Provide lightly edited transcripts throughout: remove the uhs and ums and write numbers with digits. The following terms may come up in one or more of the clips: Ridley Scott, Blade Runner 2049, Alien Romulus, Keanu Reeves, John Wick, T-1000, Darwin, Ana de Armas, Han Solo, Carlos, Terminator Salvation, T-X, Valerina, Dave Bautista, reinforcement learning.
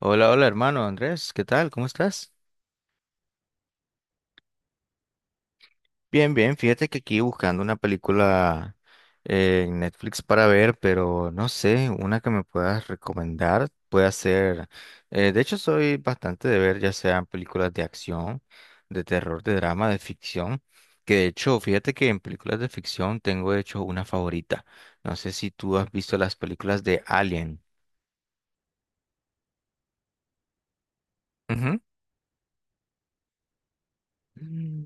Hola, hola hermano Andrés, ¿qué tal? ¿Cómo estás? Bien, bien, fíjate que aquí buscando una película en Netflix para ver, pero no sé, una que me puedas recomendar, puede ser, de hecho soy bastante de ver ya sean películas de acción, de terror, de drama, de ficción, que de hecho, fíjate que en películas de ficción tengo de hecho una favorita, no sé si tú has visto las películas de Alien. Ujú. Mm.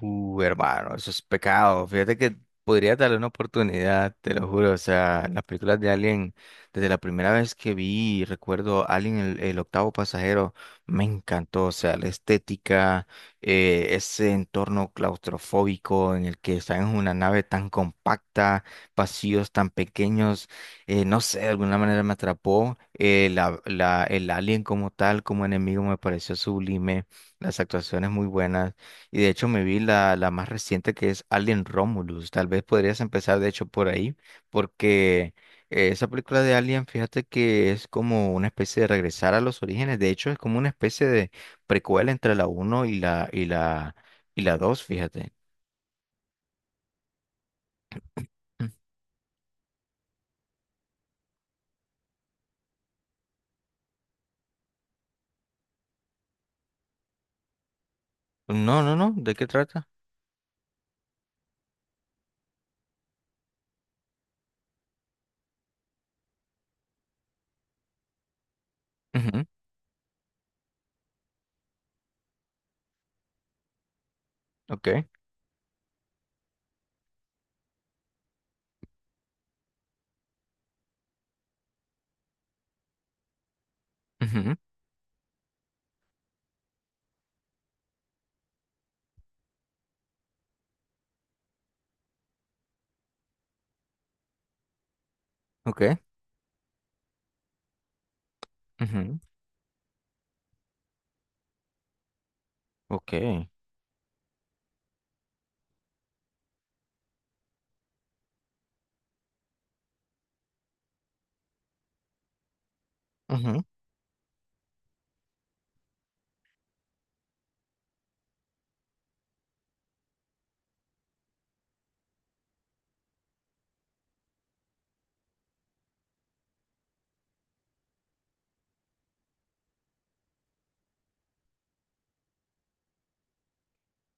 Hermano, eso es pecado. Fíjate que podría darle una oportunidad, te lo juro. O sea, las películas de Alien, desde la primera vez que vi, recuerdo Alien, el octavo pasajero, me encantó. O sea, la estética, ese entorno claustrofóbico en el que están en una nave tan compacta, pasillos tan pequeños, no sé, de alguna manera me atrapó. El Alien como tal, como enemigo, me pareció sublime. Las actuaciones muy buenas. Y de hecho me vi la más reciente que es Alien Romulus. Tal vez podrías empezar de hecho por ahí, porque esa película de Alien, fíjate que es como una especie de regresar a los orígenes. De hecho es como una especie de precuela entre la uno y la y la dos fíjate. Mm. No, no, no, ¿de qué trata? Ujú. Ok. Ujú. Ok. Ujú. Ok. Ujú.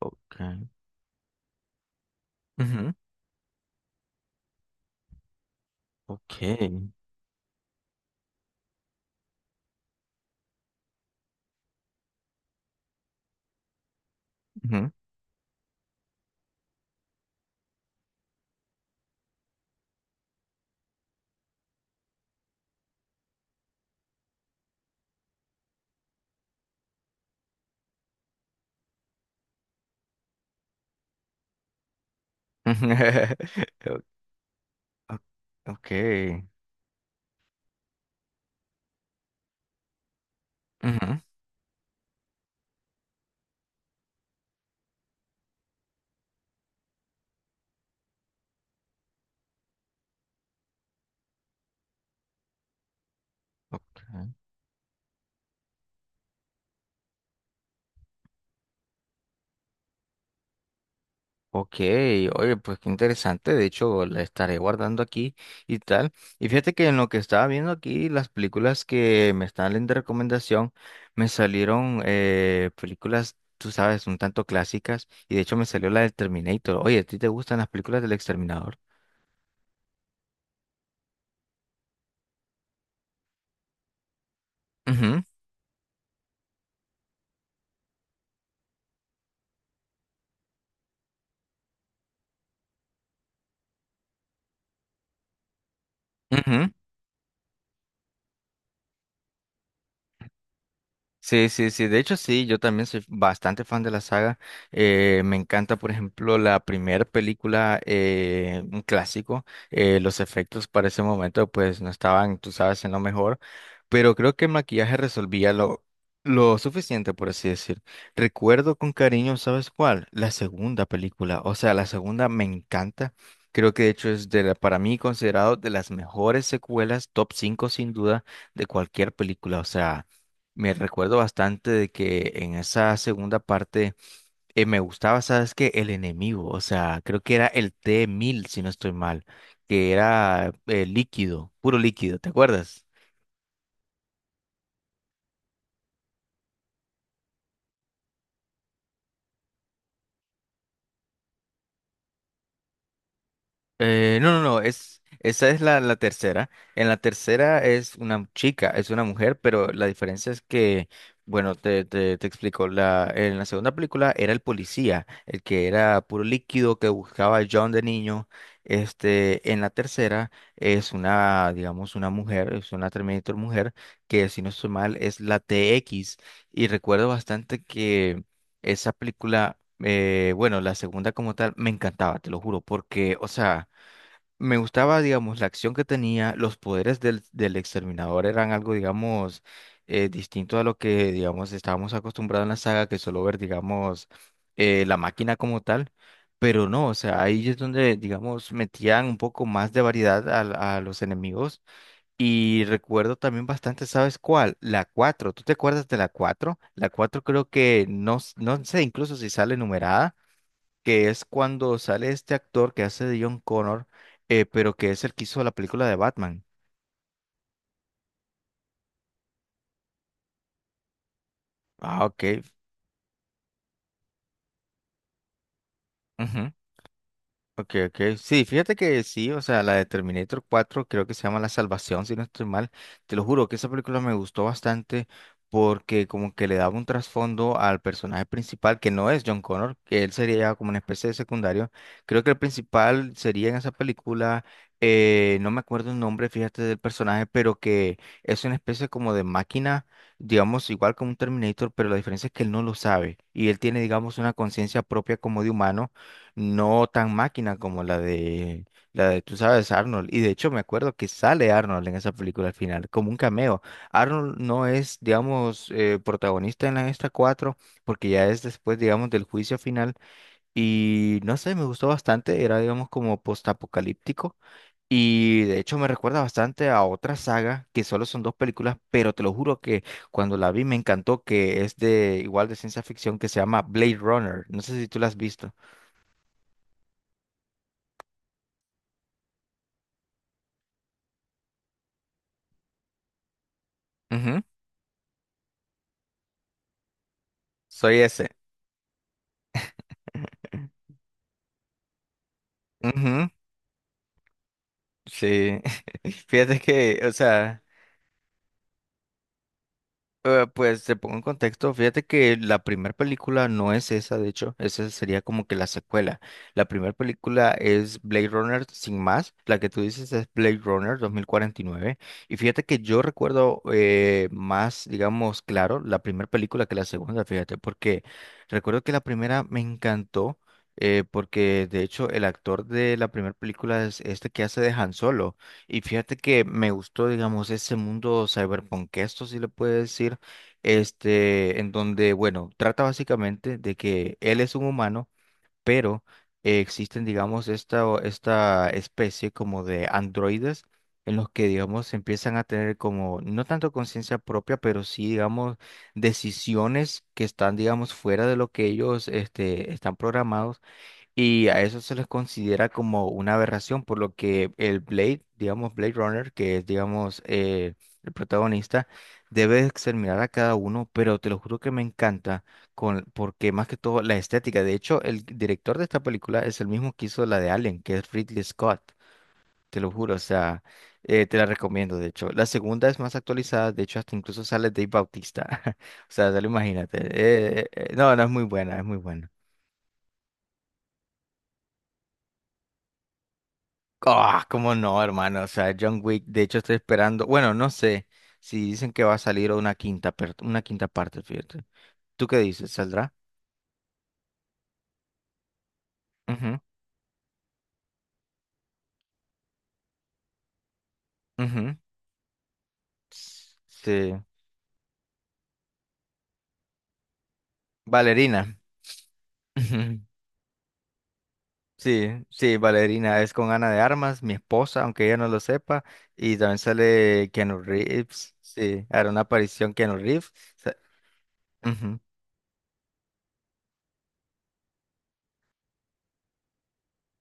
Ok. Ujú. Ok. Ujú. Ujú. Ok. Ok. Ujú. Ok. Ok, oye, pues qué interesante. De hecho, la estaré guardando aquí y tal. Y fíjate que en lo que estaba viendo aquí, las películas que me están dando de recomendación, me salieron películas, tú sabes, un tanto clásicas. Y de hecho, me salió la del Terminator. Oye, ¿a ti te gustan las películas del Exterminador? Ujú. Ujú. Sí, sí, sí. De hecho, sí, yo también soy bastante fan de la saga. Me encanta, por ejemplo, la primera película, un clásico. Los efectos para ese momento, pues, no estaban, tú sabes, en lo mejor. Pero creo que el maquillaje resolvía lo suficiente, por así decir. Recuerdo con cariño, ¿sabes cuál? La segunda película. O sea, la segunda me encanta. Creo que de hecho es de la- para mí considerado de las mejores secuelas, top 5 sin duda, de cualquier película. O sea. Me recuerdo bastante de que en esa segunda parte me gustaba, ¿sabes qué? El enemigo, o sea, creo que era el t mil si no estoy mal, que era líquido, puro líquido, ¿te acuerdas? No, no, no, es, esa es la tercera. En la tercera es una chica, es una mujer, pero la diferencia es que, bueno, te explico, la, en la segunda película era el policía, el que era puro líquido que buscaba a John de niño. Este, en la tercera es una, digamos, una mujer, es una Terminator mujer, que si no estoy mal es la T X. Y recuerdo bastante que esa película… bueno, la segunda como tal me encantaba, te lo juro, porque, o sea, me gustaba, digamos, la acción que tenía, los poderes del exterminador eran algo, digamos, distinto a lo que, digamos, estábamos acostumbrados en la saga, que solo ver, digamos, la máquina como tal, pero no, o sea, ahí es donde, digamos, metían un poco más de variedad al- a, los enemigos y recuerdo también bastante, ¿sabes cuál? La cuatro, ¿tú te acuerdas de la cuatro? La 4 creo que, no, s- no sé incluso si sale numerada, que es cuando sale este actor que hace de John Connor, pero que es el que hizo la película de Batman. Ah, ok. Ujú. Ok, ok. Sí, fíjate que sí, o sea, la de Terminator 4 creo que se llama La Salvación, si no estoy mal. Te lo juro que esa película me gustó bastante porque como que le daba un trasfondo al personaje principal, que no es John Connor, que él sería ya como una especie de secundario. Creo que el principal sería en esa película, no me acuerdo el nombre, fíjate, del personaje, pero que es una especie como de máquina, digamos, igual como un Terminator, pero la diferencia es que él no lo sabe y él tiene, digamos, una conciencia propia como de humano no tan máquina como la de tú sabes, Arnold. Y de hecho me acuerdo que sale Arnold en esa película al final, como un cameo. Arnold no es, digamos, protagonista en la esta 4 porque ya es después, digamos, del juicio final. Y no sé, me gustó bastante, era, digamos, como postapocalíptico. Y de hecho me recuerda bastante a otra saga que solo son dos películas, pero te lo juro que cuando la vi me encantó, que es de igual de ciencia ficción que se llama Blade Runner. No sé si tú la has visto. Soy ese. Ujú. Sí. Fíjate que, o sea. Pues te pongo en contexto, fíjate que la primera película no es esa, de hecho, esa sería como que la secuela. La primera película es Blade Runner sin más, la que tú dices es Blade Runner 2049. Y nueve. Y fíjate que yo recuerdo más, digamos, claro, la primera película que la segunda, fíjate, porque recuerdo que la primera me encantó, porque de hecho el actor de la primera película es este que hace de Han Solo. Y fíjate que me gustó, digamos, ese mundo cyberpunk, esto sí le puede decir, este, en donde, bueno, trata básicamente de que él es un humano, pero existen, digamos, esta, o- esta especie como de androides en los que, digamos, empiezan a tener como, no tanto conciencia propia, pero sí, digamos, decisiones que están, digamos, fuera de lo que ellos, este, están programados y a eso se les considera como una aberración, por lo que el Blade, digamos Blade Runner, que es, digamos, el protagonista, debe exterminar a cada uno, pero te lo juro que me encanta, con, porque más que todo la estética, de hecho, el director de esta película es el mismo que hizo la de Alien, que es Ridley Scott, te lo juro, o sea, te la recomiendo, de hecho. La segunda es más actualizada, de hecho, hasta incluso sale Dave Bautista, o sea, te lo imagínate. No, no es muy buena, es muy buena. Ah, cómo no, hermano. O sea, John Wick, de hecho estoy esperando. Bueno, no sé si dicen que va a salir una quinta, per- una quinta parte, fíjate. ¿Tú qué dices? ¿Saldrá? Ujú. Ujú. S- Sí. Valerina. Ujú. Sí, sí, Valerina es con Ana de Armas, mi esposa, aunque ella no lo sepa. Y también sale Keanu Reeves. Sí, hará una aparición Keanu Reeves.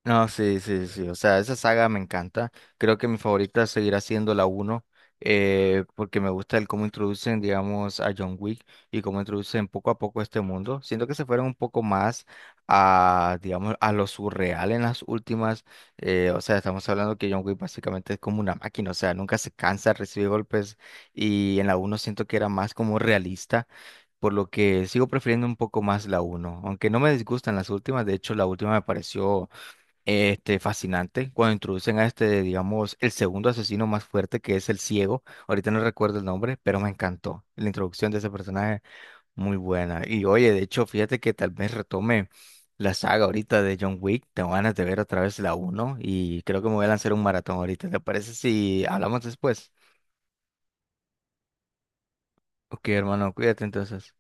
No, sí, sí, sí. O sea, esa saga me encanta. Creo que mi favorita seguirá siendo la uno, porque me gusta el cómo introducen, digamos, a John Wick y cómo introducen poco a poco este mundo. Siento que se fueron un poco más a, digamos, a lo surreal en las últimas. O sea, estamos hablando que John Wick básicamente es como una máquina, o sea, nunca se cansa, recibe golpes y en la uno siento que era más como realista. Por lo que sigo prefiriendo un poco más la uno, aunque no me disgustan las últimas, de hecho la última me pareció este, fascinante, cuando introducen a este, digamos, el segundo asesino más fuerte, que es el ciego. Ahorita no recuerdo el nombre, pero me encantó. La introducción de ese personaje, muy buena. Y oye, de hecho, fíjate que tal vez retome la saga ahorita de John Wick. Tengo ganas de ver otra vez la uno y creo que me voy a lanzar un maratón ahorita. ¿Te parece si hablamos después? Ok, hermano, cuídate entonces.